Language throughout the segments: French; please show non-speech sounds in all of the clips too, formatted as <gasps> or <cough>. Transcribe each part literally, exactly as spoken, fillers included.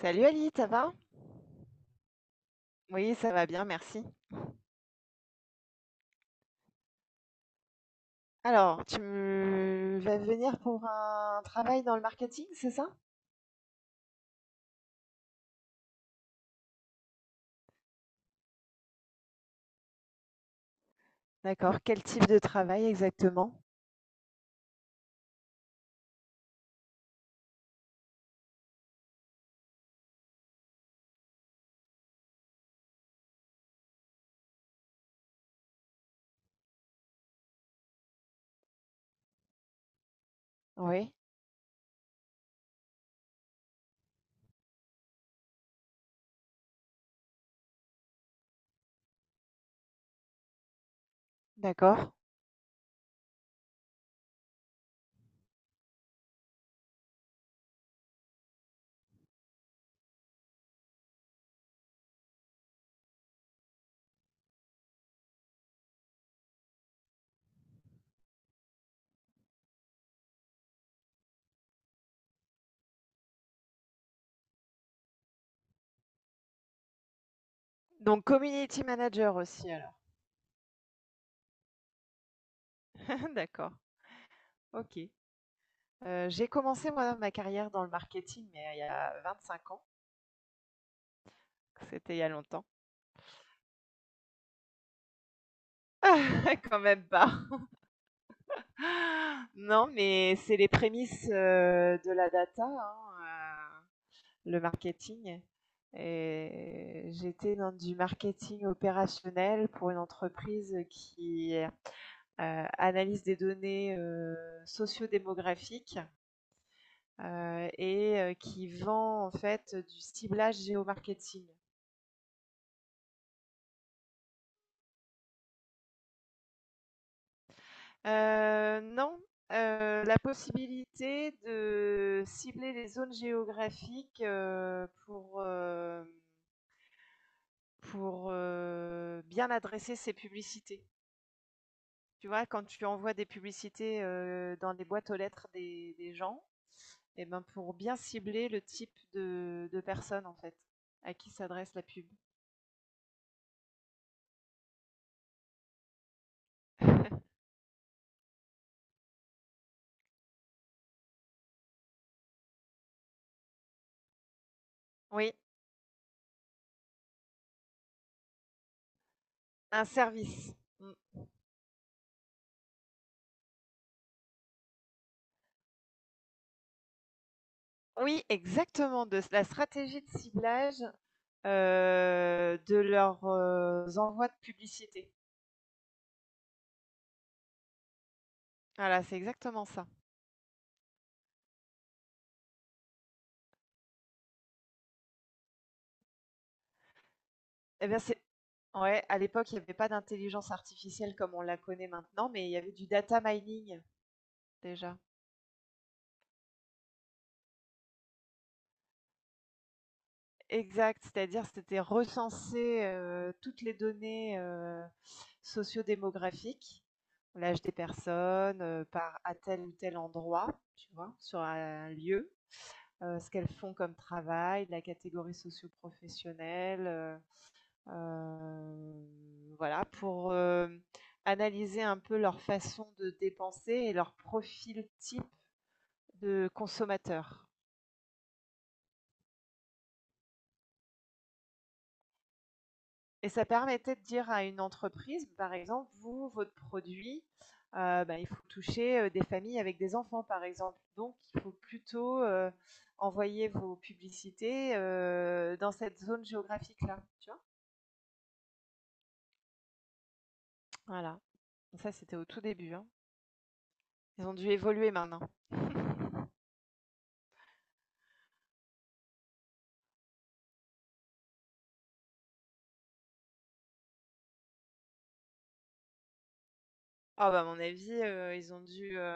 Salut Ali, ça va? Oui, ça va bien, merci. Alors, tu me- vas venir pour un travail dans le marketing, c'est ça? D'accord. Quel type de travail exactement? Oui, d'accord. Donc, community manager aussi, alors. <laughs> D'accord, ok. Euh, j'ai commencé, moi, ma carrière dans le marketing, mais euh, il y a vingt-cinq ans. C'était il y a longtemps. <laughs> Quand même pas. <gasps> <laughs> Non, mais c'est les prémices euh, de la data, hein, euh, le marketing. Et j'étais dans du marketing opérationnel pour une entreprise qui euh, analyse des données euh, sociodémographiques euh, et euh, qui vend en fait du ciblage géomarketing. Euh, non, euh, la possibilité de cibler les zones géographiques euh, pour, euh, pour euh, bien adresser ses publicités. Tu vois, quand tu envoies des publicités, heu, dans les boîtes aux lettres des des gens et ben, pour bien cibler le type de de personne, en fait, à qui s'adresse la pub. <laughs> Oui, un service. Mmh. Oui, exactement, de la stratégie de ciblage, heu, de leurs, heu, envois de publicité. Voilà, c'est exactement ça. Eh bien, c'est ouais, à l'époque, il n'y avait pas d'intelligence artificielle comme on la connaît maintenant, mais il y avait du data mining, déjà. Exact, c'est-à-dire c'était recenser, heu, toutes les données, heu, sociodémographiques, l'âge des personnes, heu, par à tel ou tel endroit, tu vois? Sur un lieu, heu, ce qu'elles font comme travail, la catégorie socio-professionnelle, heu, hem, voilà pour, hem, analyser un peu leur façon de dépenser et leur profil type de consommateur. Et ça permettait de dire à une entreprise, par exemple, vous, votre produit, heu, bah, il faut toucher, heu, des familles avec des enfants, par exemple. Donc il faut plutôt, heu, envoyer vos publicités, heu, dans cette zone géographique-là, tu vois? Voilà. Donc ça, c'était au tout début, hein. Ils ont dû évoluer maintenant. Ah bah, à mon avis, heu, ils ont dû, heu,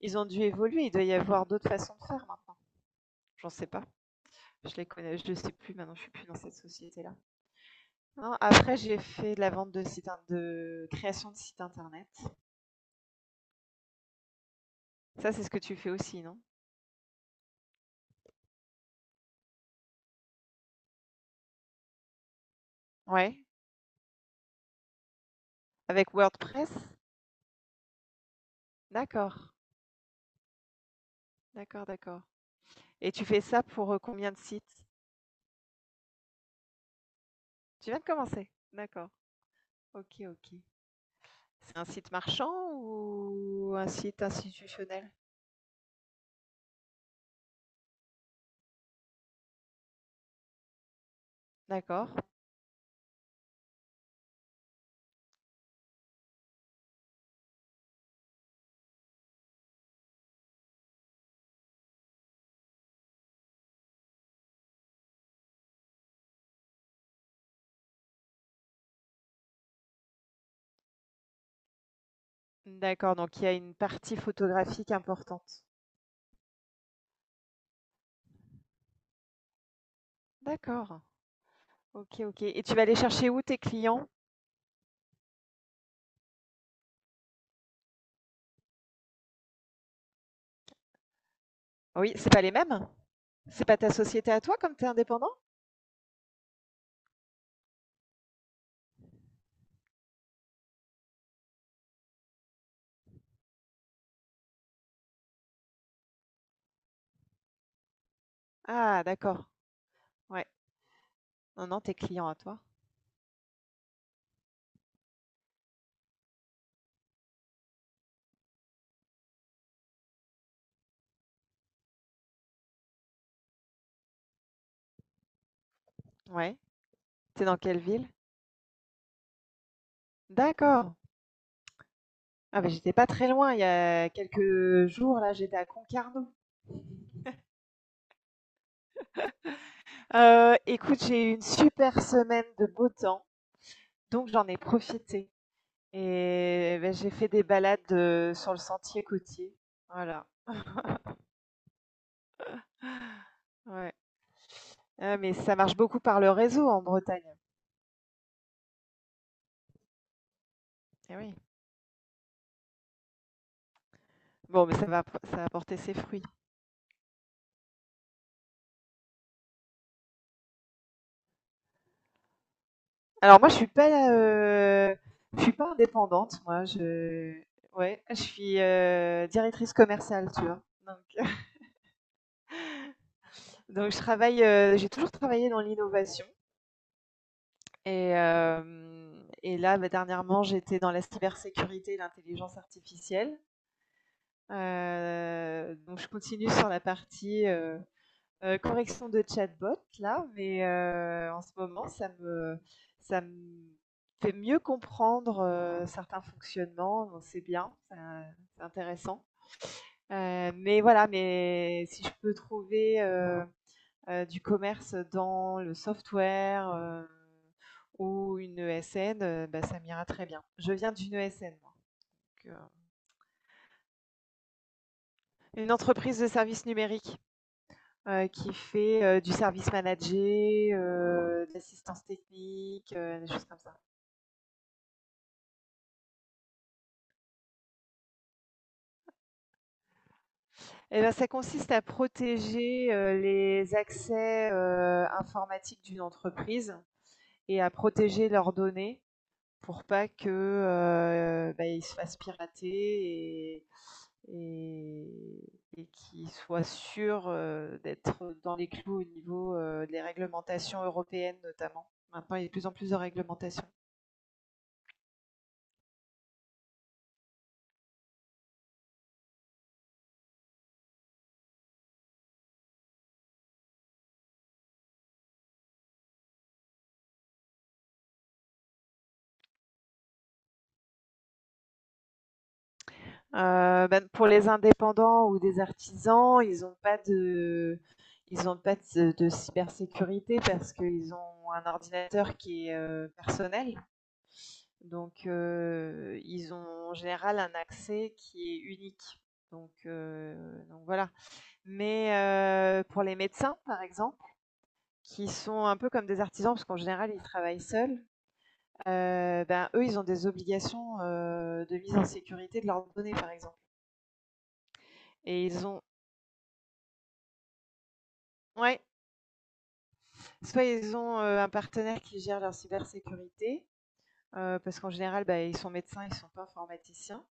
ils ont dû évoluer. Il doit y avoir d'autres façons de faire maintenant. J'en sais pas. Je les connais Je ne sais plus maintenant, je suis plus dans cette société-là. Non, après, j'ai fait de la vente de sites in- de création de sites internet. Ça, c'est ce que tu fais aussi, non? Ouais. Avec WordPress? D'accord. D'accord, d'accord. Et tu fais ça pour euh, combien de sites? Tu viens de commencer? D'accord. Ok, ok. C'est un site marchand ou un site institutionnel? D'accord. D'accord. Donc, il y a une partie photographique importante. D'accord. Ok, ok. Et tu vas aller chercher où tes clients? Oui, c'est pas les mêmes? C'est pas ta société à toi comme tu es indépendant? Ah d'accord, ouais. Non, non, tes clients à toi. Ouais. T'es dans quelle ville? D'accord. Ah bah, j'étais pas très loin, il y a quelques jours, là, j'étais à Concarneau. Heu, écoute, j'ai eu une super semaine de beau temps, donc j'en ai profité et bah, j'ai fait des balades, heu, sur le sentier côtier. Voilà, ouais. Ah mais ça marche beaucoup par le réseau en Bretagne. Eh oui. Bon, mais ça va, ça a porté ses fruits. Alors moi, je suis pas, heu, je suis pas indépendante moi, je ouais, je suis, heu, directrice commerciale, tu vois? Donc Donc je travaille, heu, j'ai toujours travaillé dans l'innovation et hem et là, bah, dernièrement, j'étais dans la cybersécurité et l'intelligence artificielle. Heu, donc je continue sur la partie, heu heu, correction de chatbot là, mais heu, en ce moment, ça me ça me fait mieux comprendre, heu, certains fonctionnements, donc c'est bien, ça c'est intéressant. Heu, mais voilà, mais si je peux trouver, heu, euh, du commerce dans le software euh, ou une E S N, euh, bah, ça m'ira très bien. Je viens d'une E S N, moi, donc, euh, une entreprise de services numériques euh, qui fait euh, du service manager, euh, de l'assistance technique, euh, des choses comme ça. Et ben, ça consiste à protéger euh, les accès euh, informatiques d'une entreprise et à protéger leurs données pour pas que euh, bah, ils se fassent pirater et et, et qui soit sûr euh, d'être dans les clous au niveau euh, des réglementations européennes notamment. Maintenant, il y a de plus en plus de réglementations. Euh, ben, pour les indépendants ou des artisans, ils n'ont pas de, ils n'ont pas de, de cybersécurité parce qu'ils ont un ordinateur qui est euh, personnel. Donc, euh, ils ont en général un accès qui est unique. Donc, euh, donc voilà. Mais euh, pour les médecins, par exemple, Qui sont un peu comme des artisans, parce qu'en général, ils travaillent seuls. Heu, ben, eux, ils ont des obligations, heu, de mise en sécurité de leurs données, par exemple, et ils ont, ouais, soit ils ont, heu, un partenaire qui gère leur cybersécurité, heu, parce qu'en général, ben ils sont médecins, ils ne sont pas informaticiens.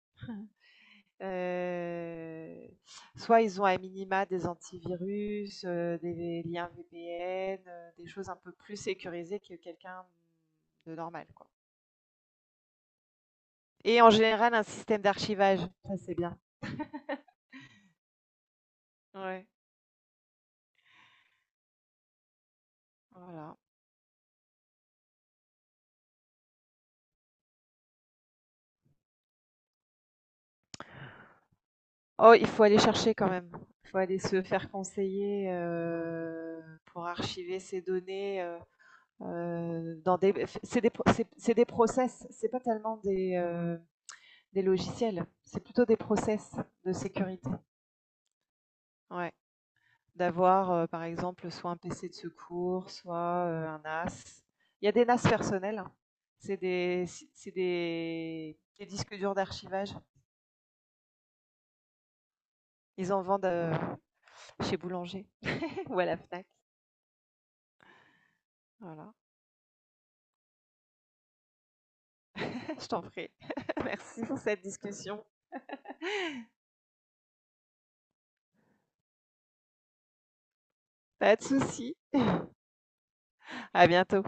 Heu, Soit ils ont à minima des antivirus, heu, des liens V P N, heu, des choses un peu plus sécurisées que quelqu'un de normal, quoi, et en général, un système d'archivage, ça, c'est bien. Ouais. Voilà. Oh, il faut aller chercher quand même. Il faut aller se faire conseiller euh, pour archiver ces données euh, euh, dans des. C'est des, pro- c'est, c'est des process. C'est pas tellement des, euh, des logiciels. C'est plutôt des process de sécurité. Ouais. D'avoir, euh, par exemple, soit un P C de secours, soit euh, un NAS. Il y a des NAS personnels, hein. C'est des, si, c'est des, des disques durs d'archivage. Ils en vendent euh, chez Boulanger <laughs> ou à la Fnac. Voilà. Je t'en prie. <laughs> Merci pour cette discussion. Pas de souci. À bientôt.